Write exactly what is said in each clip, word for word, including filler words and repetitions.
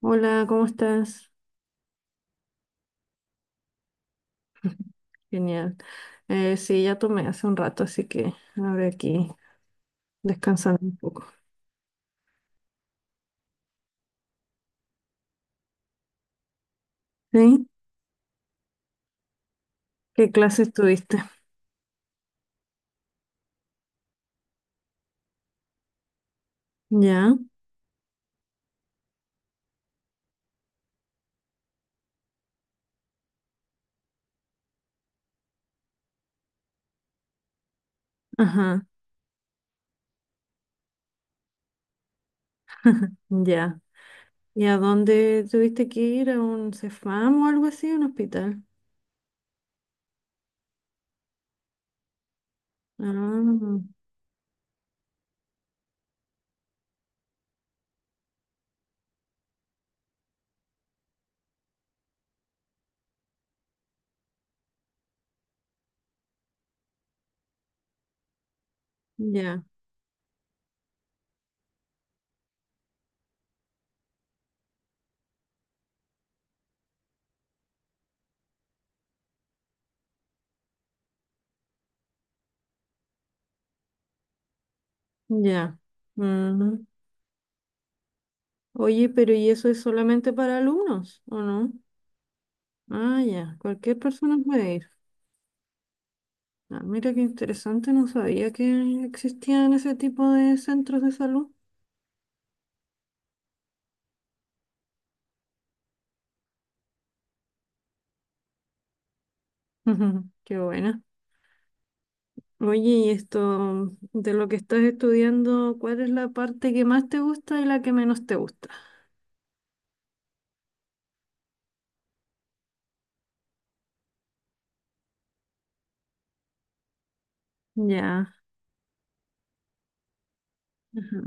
Hola, ¿cómo estás? Genial. Eh, sí, ya tomé hace un rato, así que ahora aquí descansando un poco. ¿Sí? ¿Qué clases tuviste? Ya, ajá, ya. ¿Y a dónde tuviste que ir? ¿A un Cefam o algo así? ¿Un hospital? Ah, ya, ya. Ujú. Oye, pero ¿y eso es solamente para alumnos o no? Ah, ya, cualquier persona puede ir. Ah, mira qué interesante, no sabía que existían ese tipo de centros de salud. Ujú, qué buena. Oye, y esto de lo que estás estudiando, ¿cuál es la parte que más te gusta y la que menos te gusta? Ya, ajá.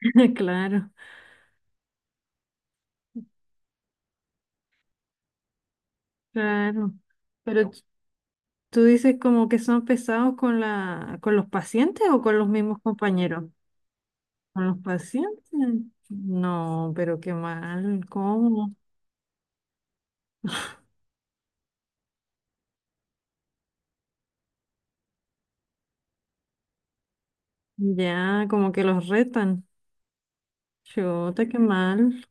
Claro, claro. Pero t- tú dices como que son pesados con la, con los pacientes o con los mismos compañeros. Con los pacientes. No, pero qué mal, ¿cómo? Ya, como que los retan. Chuta, qué mal.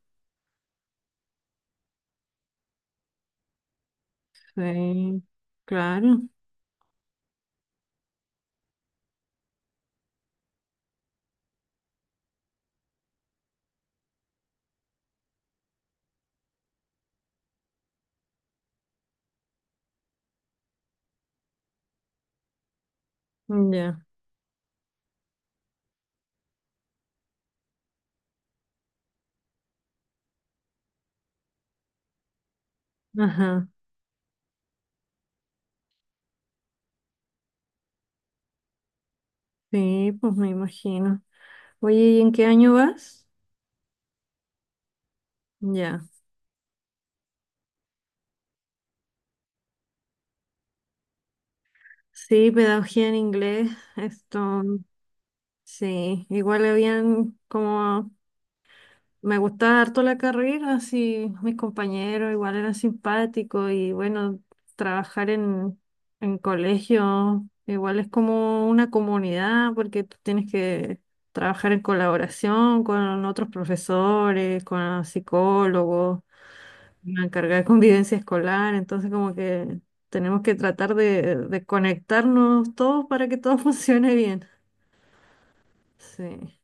Sí, claro. Mm, ya. Ajá. Sí, pues me imagino. Oye, ¿y en qué año vas? Ya. Sí, pedagogía en inglés. Esto, sí. Igual habían como... Me gustaba harto la carrera, así mis compañeros igual eran simpáticos y bueno, trabajar en, en colegio igual es como una comunidad porque tú tienes que trabajar en colaboración con otros profesores, con psicólogos, una carga de convivencia escolar, entonces como que tenemos que tratar de, de conectarnos todos para que todo funcione bien. Sí.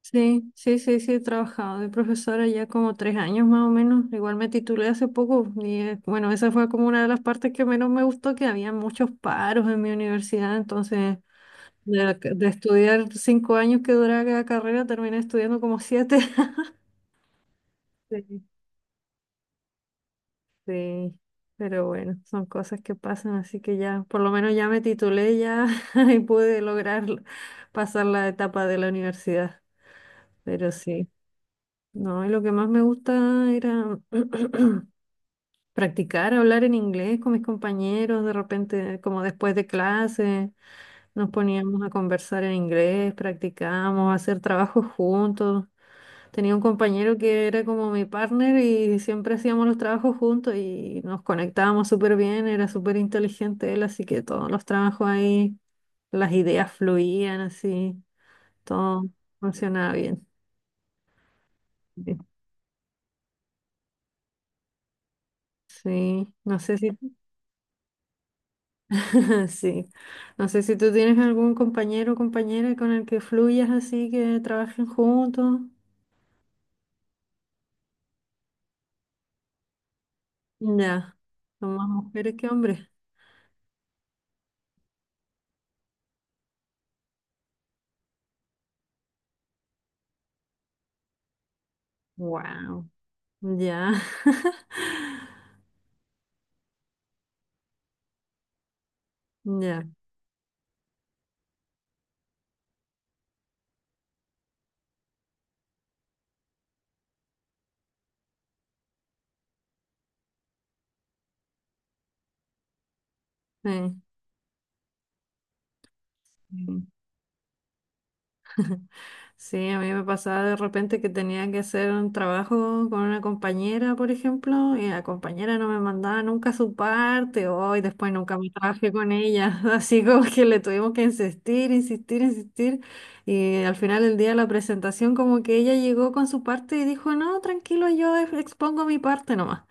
Sí, sí, sí, sí, he trabajado de profesora ya como tres años más o menos. Igual me titulé hace poco y eh, bueno, esa fue como una de las partes que menos me gustó, que había muchos paros en mi universidad, entonces de, la ca- de estudiar cinco años que duraba cada carrera, terminé estudiando como siete. Sí, sí, pero bueno, son cosas que pasan, así que ya, por lo menos ya me titulé ya y pude lograr pasar la etapa de la universidad, pero sí. No, y lo que más me gusta era practicar hablar en inglés con mis compañeros, de repente, como después de clase, nos poníamos a conversar en inglés, practicábamos, hacer trabajos juntos. Tenía un compañero que era como mi partner y siempre hacíamos los trabajos juntos y nos conectábamos súper bien, era súper inteligente él, así que todos los trabajos ahí, las ideas fluían así, todo funcionaba bien. Sí, no sé si... Sí. No sé si tú tienes algún compañero o compañera con el que fluyas así, que trabajen juntos. Ya. Son más mujeres que hombres. Wow. Ya. Ya. Sí. Sí. Sí, a mí me pasaba de repente que tenía que hacer un trabajo con una compañera, por ejemplo, y la compañera no me mandaba nunca su parte, o y después nunca me trabajé con ella, así como que le tuvimos que insistir, insistir, insistir, y al final del día de la presentación como que ella llegó con su parte y dijo, no, tranquilo, yo ex- expongo mi parte nomás.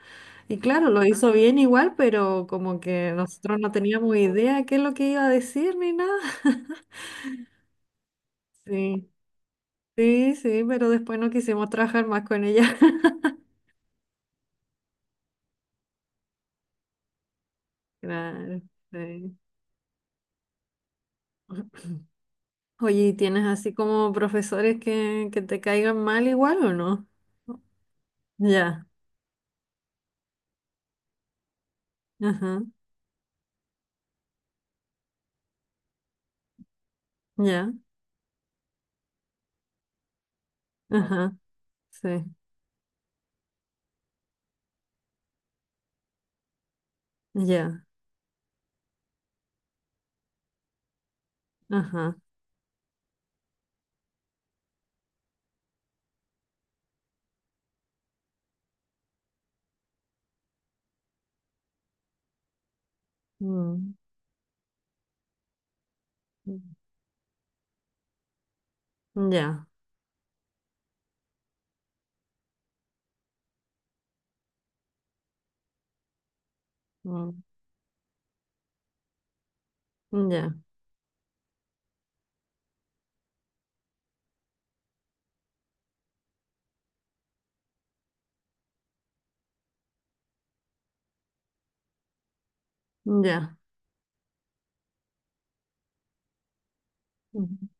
Y claro, lo, ah, hizo, ah, bien igual, pero como que nosotros no teníamos idea qué es lo que iba a decir ni nada. Sí. Sí, sí, pero después no quisimos trabajar más con ella. Claro, sí. Oye, ¿y tienes así como profesores que, que te caigan mal igual o no? Ya, ajá, ya, ajá, sí, ya, ajá, mm, ya, mm, ya, ya,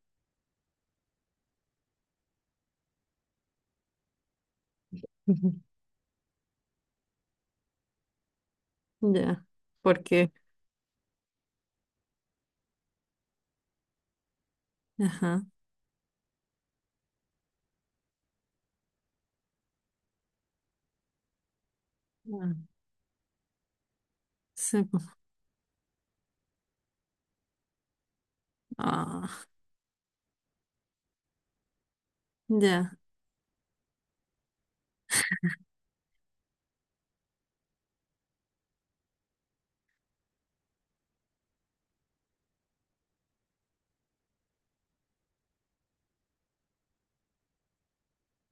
ujú, ya, ¿por qué? Ajá, ah, sí, pues, ah, ya,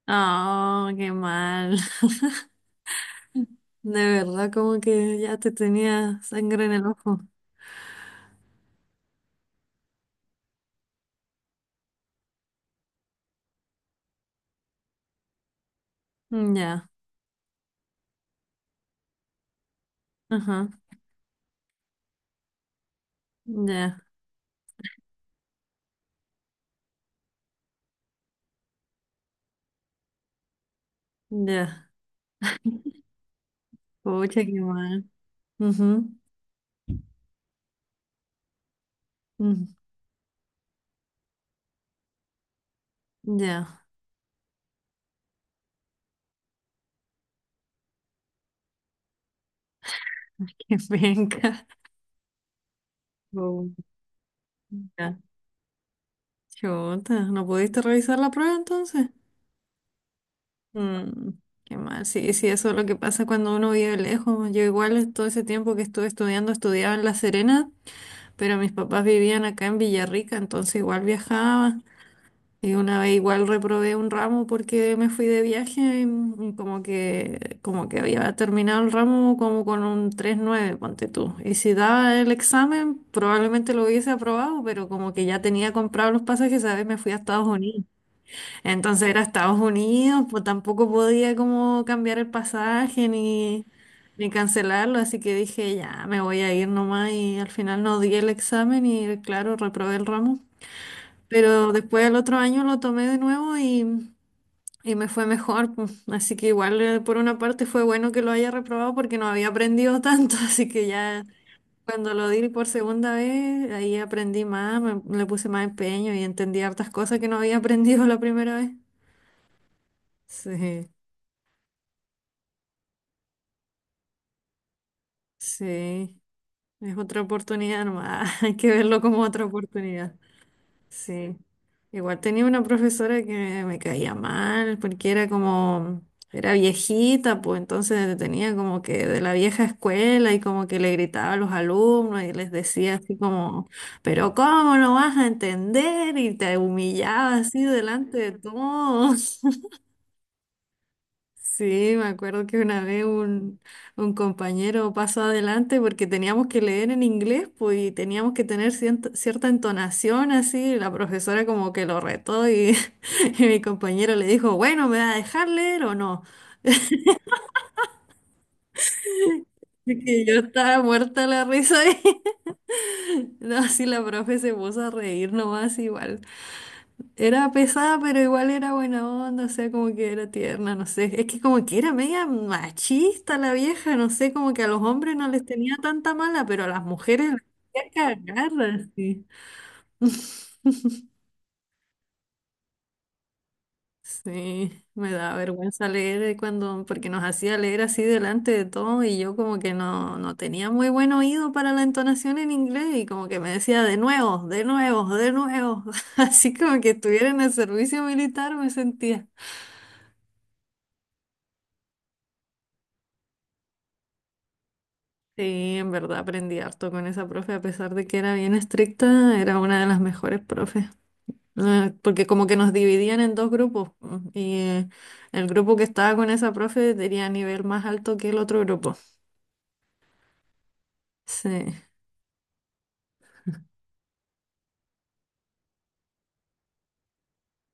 ah, qué mal. De verdad, como que ya te tenía sangre en el ojo. Mm, ya, ajá, ya, ya. Pucha, qué mal. Ujú, mm, ya, qué penca. Oh, ya, chuta. ¿No pudiste revisar la prueba entonces? Mm, qué mal. Sí, sí, eso es lo que pasa cuando uno vive lejos. Yo igual todo ese tiempo que estuve estudiando, estudiaba en La Serena, pero mis papás vivían acá en Villarrica, entonces igual viajaba. Y una vez igual reprobé un ramo porque me fui de viaje y y como que, como que había terminado el ramo como con un tres punto nueve ponte tú. Y si daba el examen, probablemente lo hubiese aprobado, pero como que ya tenía comprado los pasajes, ¿sabes? Me fui a Estados Unidos. Entonces era Estados Unidos, pues tampoco podía como cambiar el pasaje ni, ni cancelarlo, así que dije, ya, me voy a ir nomás y al final no di el examen y claro, reprobé el ramo. Pero después el otro año lo tomé de nuevo y, y me fue mejor, pues. Así que igual eh, por una parte fue bueno que lo haya reprobado porque no había aprendido tanto. Así que ya cuando lo di por segunda vez, ahí aprendí más, me- le puse más empeño y entendí hartas cosas que no había aprendido la primera vez. Sí, sí, es otra oportunidad nomás. Hay que verlo como otra oportunidad. Sí. Igual tenía una profesora que me caía mal porque era como, era viejita, pues entonces tenía como que de la vieja escuela y como que le gritaba a los alumnos y les decía así como, pero ¿cómo no vas a entender? Y te humillaba así delante de todos. Sí, me acuerdo que una vez un, un compañero pasó adelante porque teníamos que leer en inglés, pues, y teníamos que tener cierta, cierta entonación así. La profesora como que lo retó y, y mi compañero le dijo, bueno, ¿me va a dejar leer o no? Y que yo estaba muerta la risa y no, así la profe se puso a reír nomás igual. Era pesada, pero igual era buena onda, o sea, como que era tierna, no sé. Es que como que era media machista la vieja, no sé, como que a los hombres no les tenía tanta mala, pero a las mujeres las hacía cagar, así. Sí, me da vergüenza leer cuando, porque nos hacía leer así delante de todo y yo como que no, no tenía muy buen oído para la entonación en inglés y como que me decía de nuevo, de nuevo, de nuevo. Así como que estuviera en el servicio militar me sentía. Sí, en verdad aprendí harto con esa profe, a pesar de que era bien estricta, era una de las mejores profes. Eh, Porque como que nos dividían en dos grupos mm, y eh, el grupo que estaba con esa profe tenía nivel más alto que el otro grupo. Sí.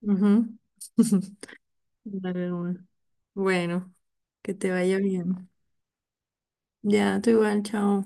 Ujú. Dale, bueno, bueno, que te vaya bien. Ya, tú igual, chao.